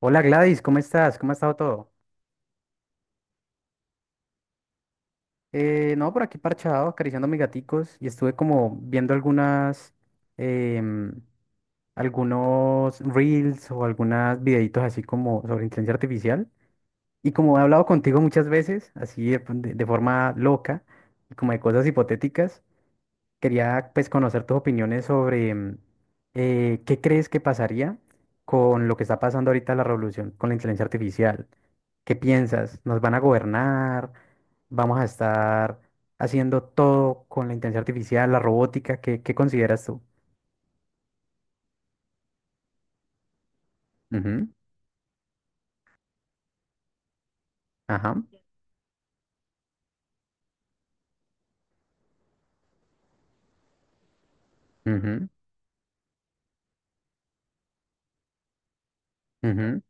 Hola Gladys, ¿cómo estás? ¿Cómo ha estado todo? No, por aquí parchado, acariciando a mis gaticos y estuve como viendo algunas, em, algunos reels o algunos videitos así como sobre inteligencia artificial. Y como he hablado contigo muchas veces, así de forma loca, como de cosas hipotéticas, quería pues conocer tus opiniones sobre qué crees que pasaría con lo que está pasando ahorita la revolución con la inteligencia artificial. ¿Qué piensas? ¿Nos van a gobernar? ¿Vamos a estar haciendo todo con la inteligencia artificial, la robótica? ¿Qué consideras tú? Ujú. Ajá. Ujú, ujú,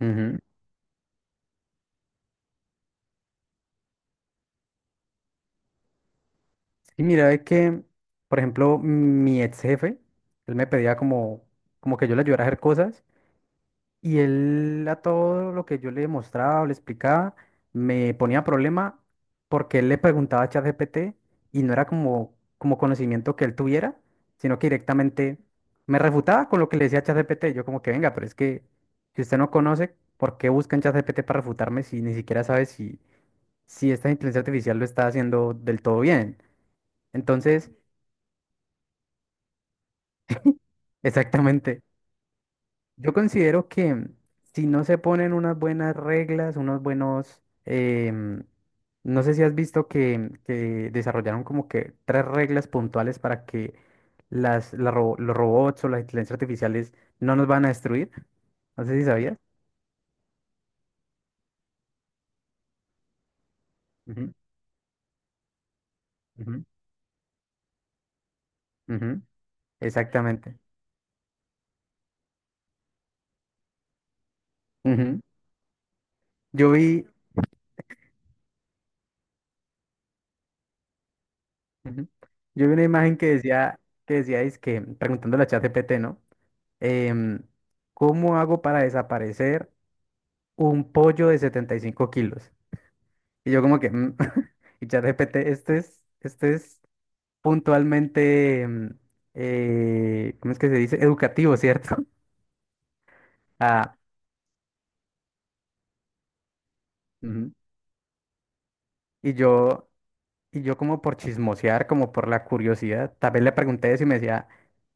ujú. Y mira, es que, por ejemplo, mi ex jefe, él me pedía como, como que yo le ayudara a hacer cosas. Y él a todo lo que yo le mostraba o le explicaba me ponía problema porque él le preguntaba a ChatGPT y no era como, como conocimiento que él tuviera, sino que directamente me refutaba con lo que le decía ChatGPT. Yo como que venga, pero es que si usted no conoce, ¿por qué busca en ChatGPT para refutarme si ni siquiera sabe si, si esta inteligencia artificial lo está haciendo del todo bien? Entonces, exactamente. Yo considero que si no se ponen unas buenas reglas, unos buenos, no sé si has visto que desarrollaron como que tres reglas puntuales para que los robots o las inteligencias artificiales no nos van a destruir. No sé si sabías. Ujú, ujú, ujú. Exactamente. Ujú. Yo vi, ujú. Yo vi una imagen que decía, es que preguntándole a ChatGPT, ¿no? Em, ¿Cómo hago para desaparecer un pollo de 75 kilos? Y yo como que, mm, y ChatGPT, esto es puntualmente, ¿cómo es que se dice? Educativo, ¿cierto? Ah, ujú. Y yo, y yo como por chismosear, como por la curiosidad, tal vez le pregunté eso y me decía,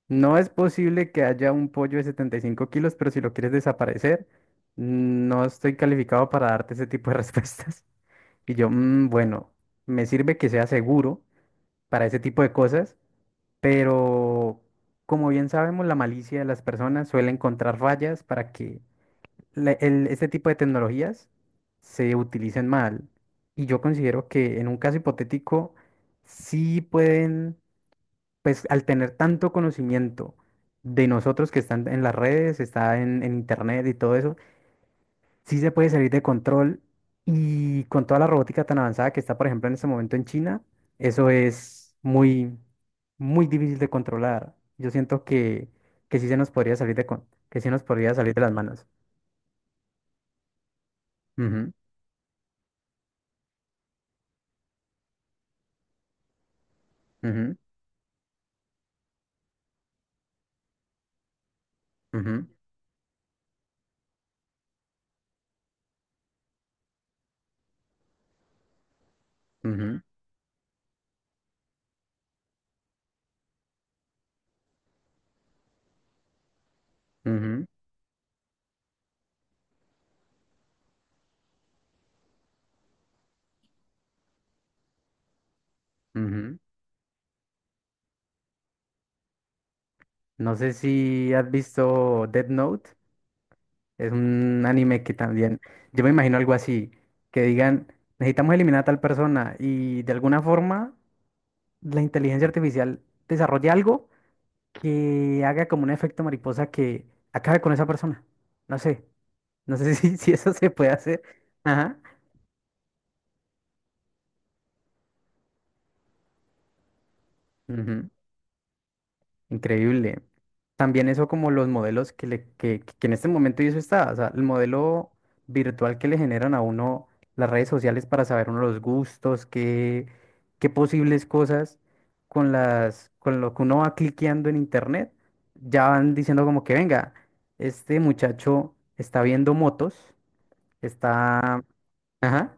no es posible que haya un pollo de 75 kilos, pero si lo quieres desaparecer, no estoy calificado para darte ese tipo de respuestas. Y yo, "Mm, bueno, me sirve que sea seguro para ese tipo de cosas. Pero como bien sabemos, la malicia de las personas suele encontrar fallas para que este tipo de tecnologías se utilicen mal. Y yo considero que en un caso hipotético, sí pueden, pues al tener tanto conocimiento de nosotros que están en las redes, está en internet y todo eso, sí se puede salir de control y con toda la robótica tan avanzada que está, por ejemplo, en este momento en China, eso es muy, muy difícil de controlar. Yo siento que sí se nos podría salir que sí nos podría salir de las manos. Ujú, ujú, ujú, ujú, ujú, ujú. No sé si has visto Death Note, es un anime que también, yo me imagino algo así, que digan, necesitamos eliminar a tal persona y de alguna forma la inteligencia artificial desarrolle algo que haga como un efecto mariposa que acabe con esa persona. No sé, no sé si, si eso se puede hacer. Ajá. Ujú. Increíble. También eso como los modelos que en este momento y eso está, o sea, el modelo virtual que le generan a uno las redes sociales para saber uno los gustos, qué, qué posibles cosas con las, con lo que uno va cliqueando en internet, ya van diciendo como que venga, este muchacho está viendo motos, está... Ajá.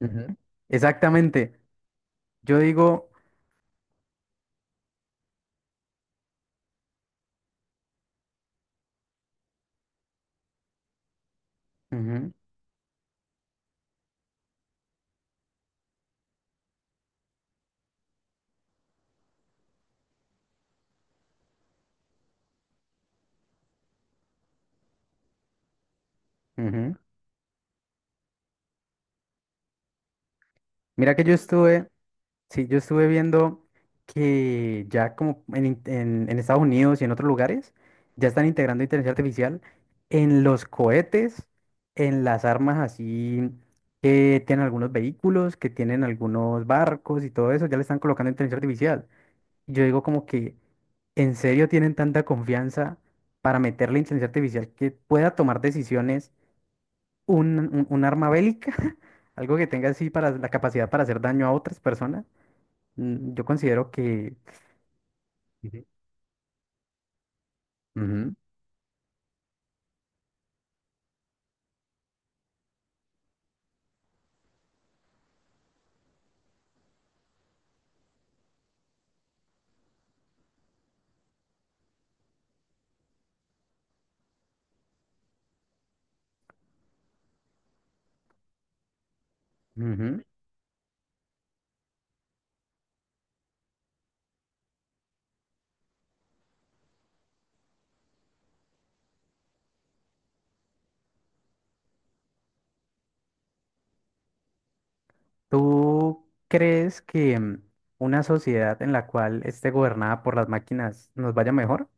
Ujú. Exactamente. Yo digo, ujú, ujú. Mira que yo estuve... Sí, yo estuve viendo que ya como en Estados Unidos y en otros lugares ya están integrando inteligencia artificial en los cohetes, en las armas así que tienen algunos vehículos, que tienen algunos barcos y todo eso, ya le están colocando inteligencia artificial. Y yo digo como que en serio tienen tanta confianza para meterle inteligencia artificial que pueda tomar decisiones un arma bélica, algo que tenga así para la capacidad para hacer daño a otras personas. Yo considero que... Ujú. Ujú. ¿Tú crees que una sociedad en la cual esté gobernada por las máquinas nos vaya mejor?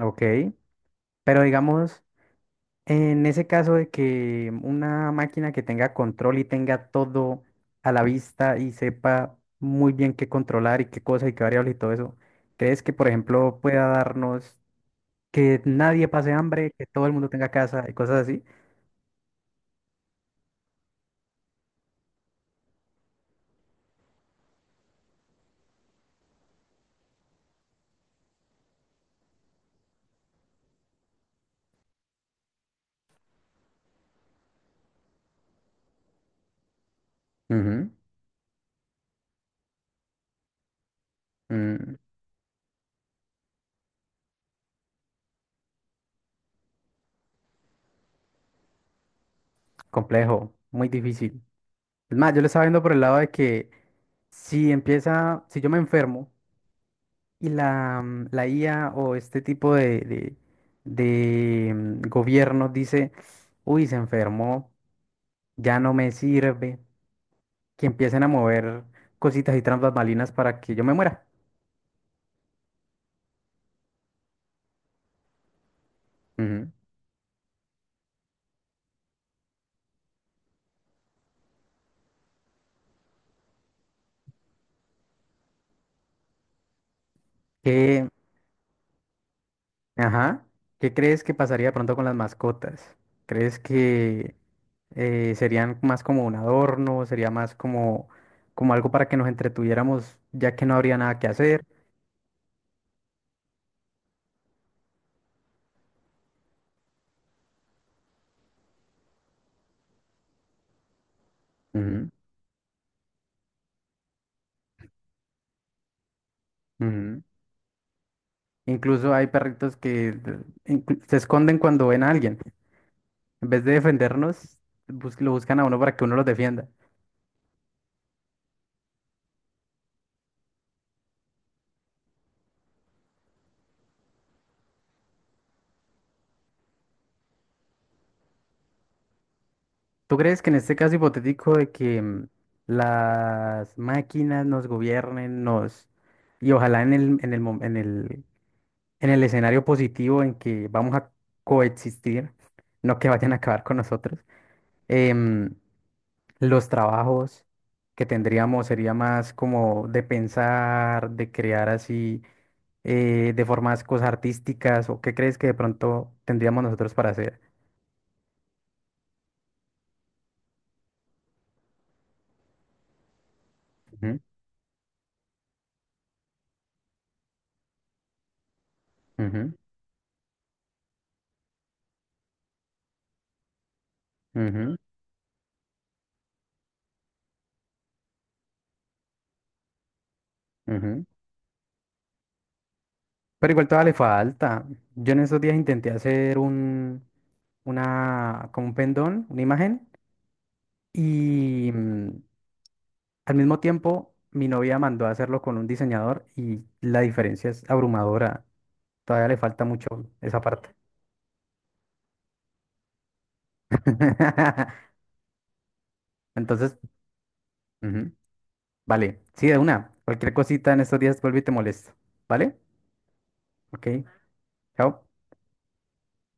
Ok, pero digamos, en ese caso de que una máquina que tenga control y tenga todo a la vista y sepa muy bien qué controlar y qué cosa y qué variable y todo eso, ¿crees que, por ejemplo, pueda darnos que nadie pase hambre, que todo el mundo tenga casa y cosas así? Ujú, mm. Complejo, muy difícil. Es más, yo lo estaba viendo por el lado de que si empieza, si yo me enfermo y la, la IA o este tipo de gobierno dice, uy, se enfermó, ya no me sirve, que empiecen a mover cositas y trampas balinas para que yo me muera. Ujú. ¿Qué, Ajá. ¿Qué crees que pasaría de pronto con las mascotas? ¿Crees que serían más como un adorno? ¿Sería más como, como algo para que nos entretuviéramos ya que no habría nada que hacer? Ujú, ujú. Incluso hay perritos que se esconden cuando ven a alguien. En vez de defendernos, lo buscan a uno para que uno los defienda. ¿Tú crees que en este caso hipotético de que las máquinas nos gobiernen, nos... Y ojalá en el en el escenario positivo en que vamos a coexistir, no que vayan a acabar con nosotros, em, los trabajos que tendríamos sería más como de pensar, de crear así, de formas cosas artísticas, o qué crees que de pronto tendríamos nosotros para hacer. Ujú, ujú, ujú, ujú. Pero igual todavía le falta. Yo en esos días intenté hacer como un pendón, una imagen. Y, mm, al mismo tiempo, mi novia mandó a hacerlo con un diseñador y la diferencia es abrumadora. Todavía le falta mucho esa parte. Entonces, ujú, vale. Sí, de una. Cualquier cosita en estos días vuelvo y te molesto. ¿Vale? Ok. Chao.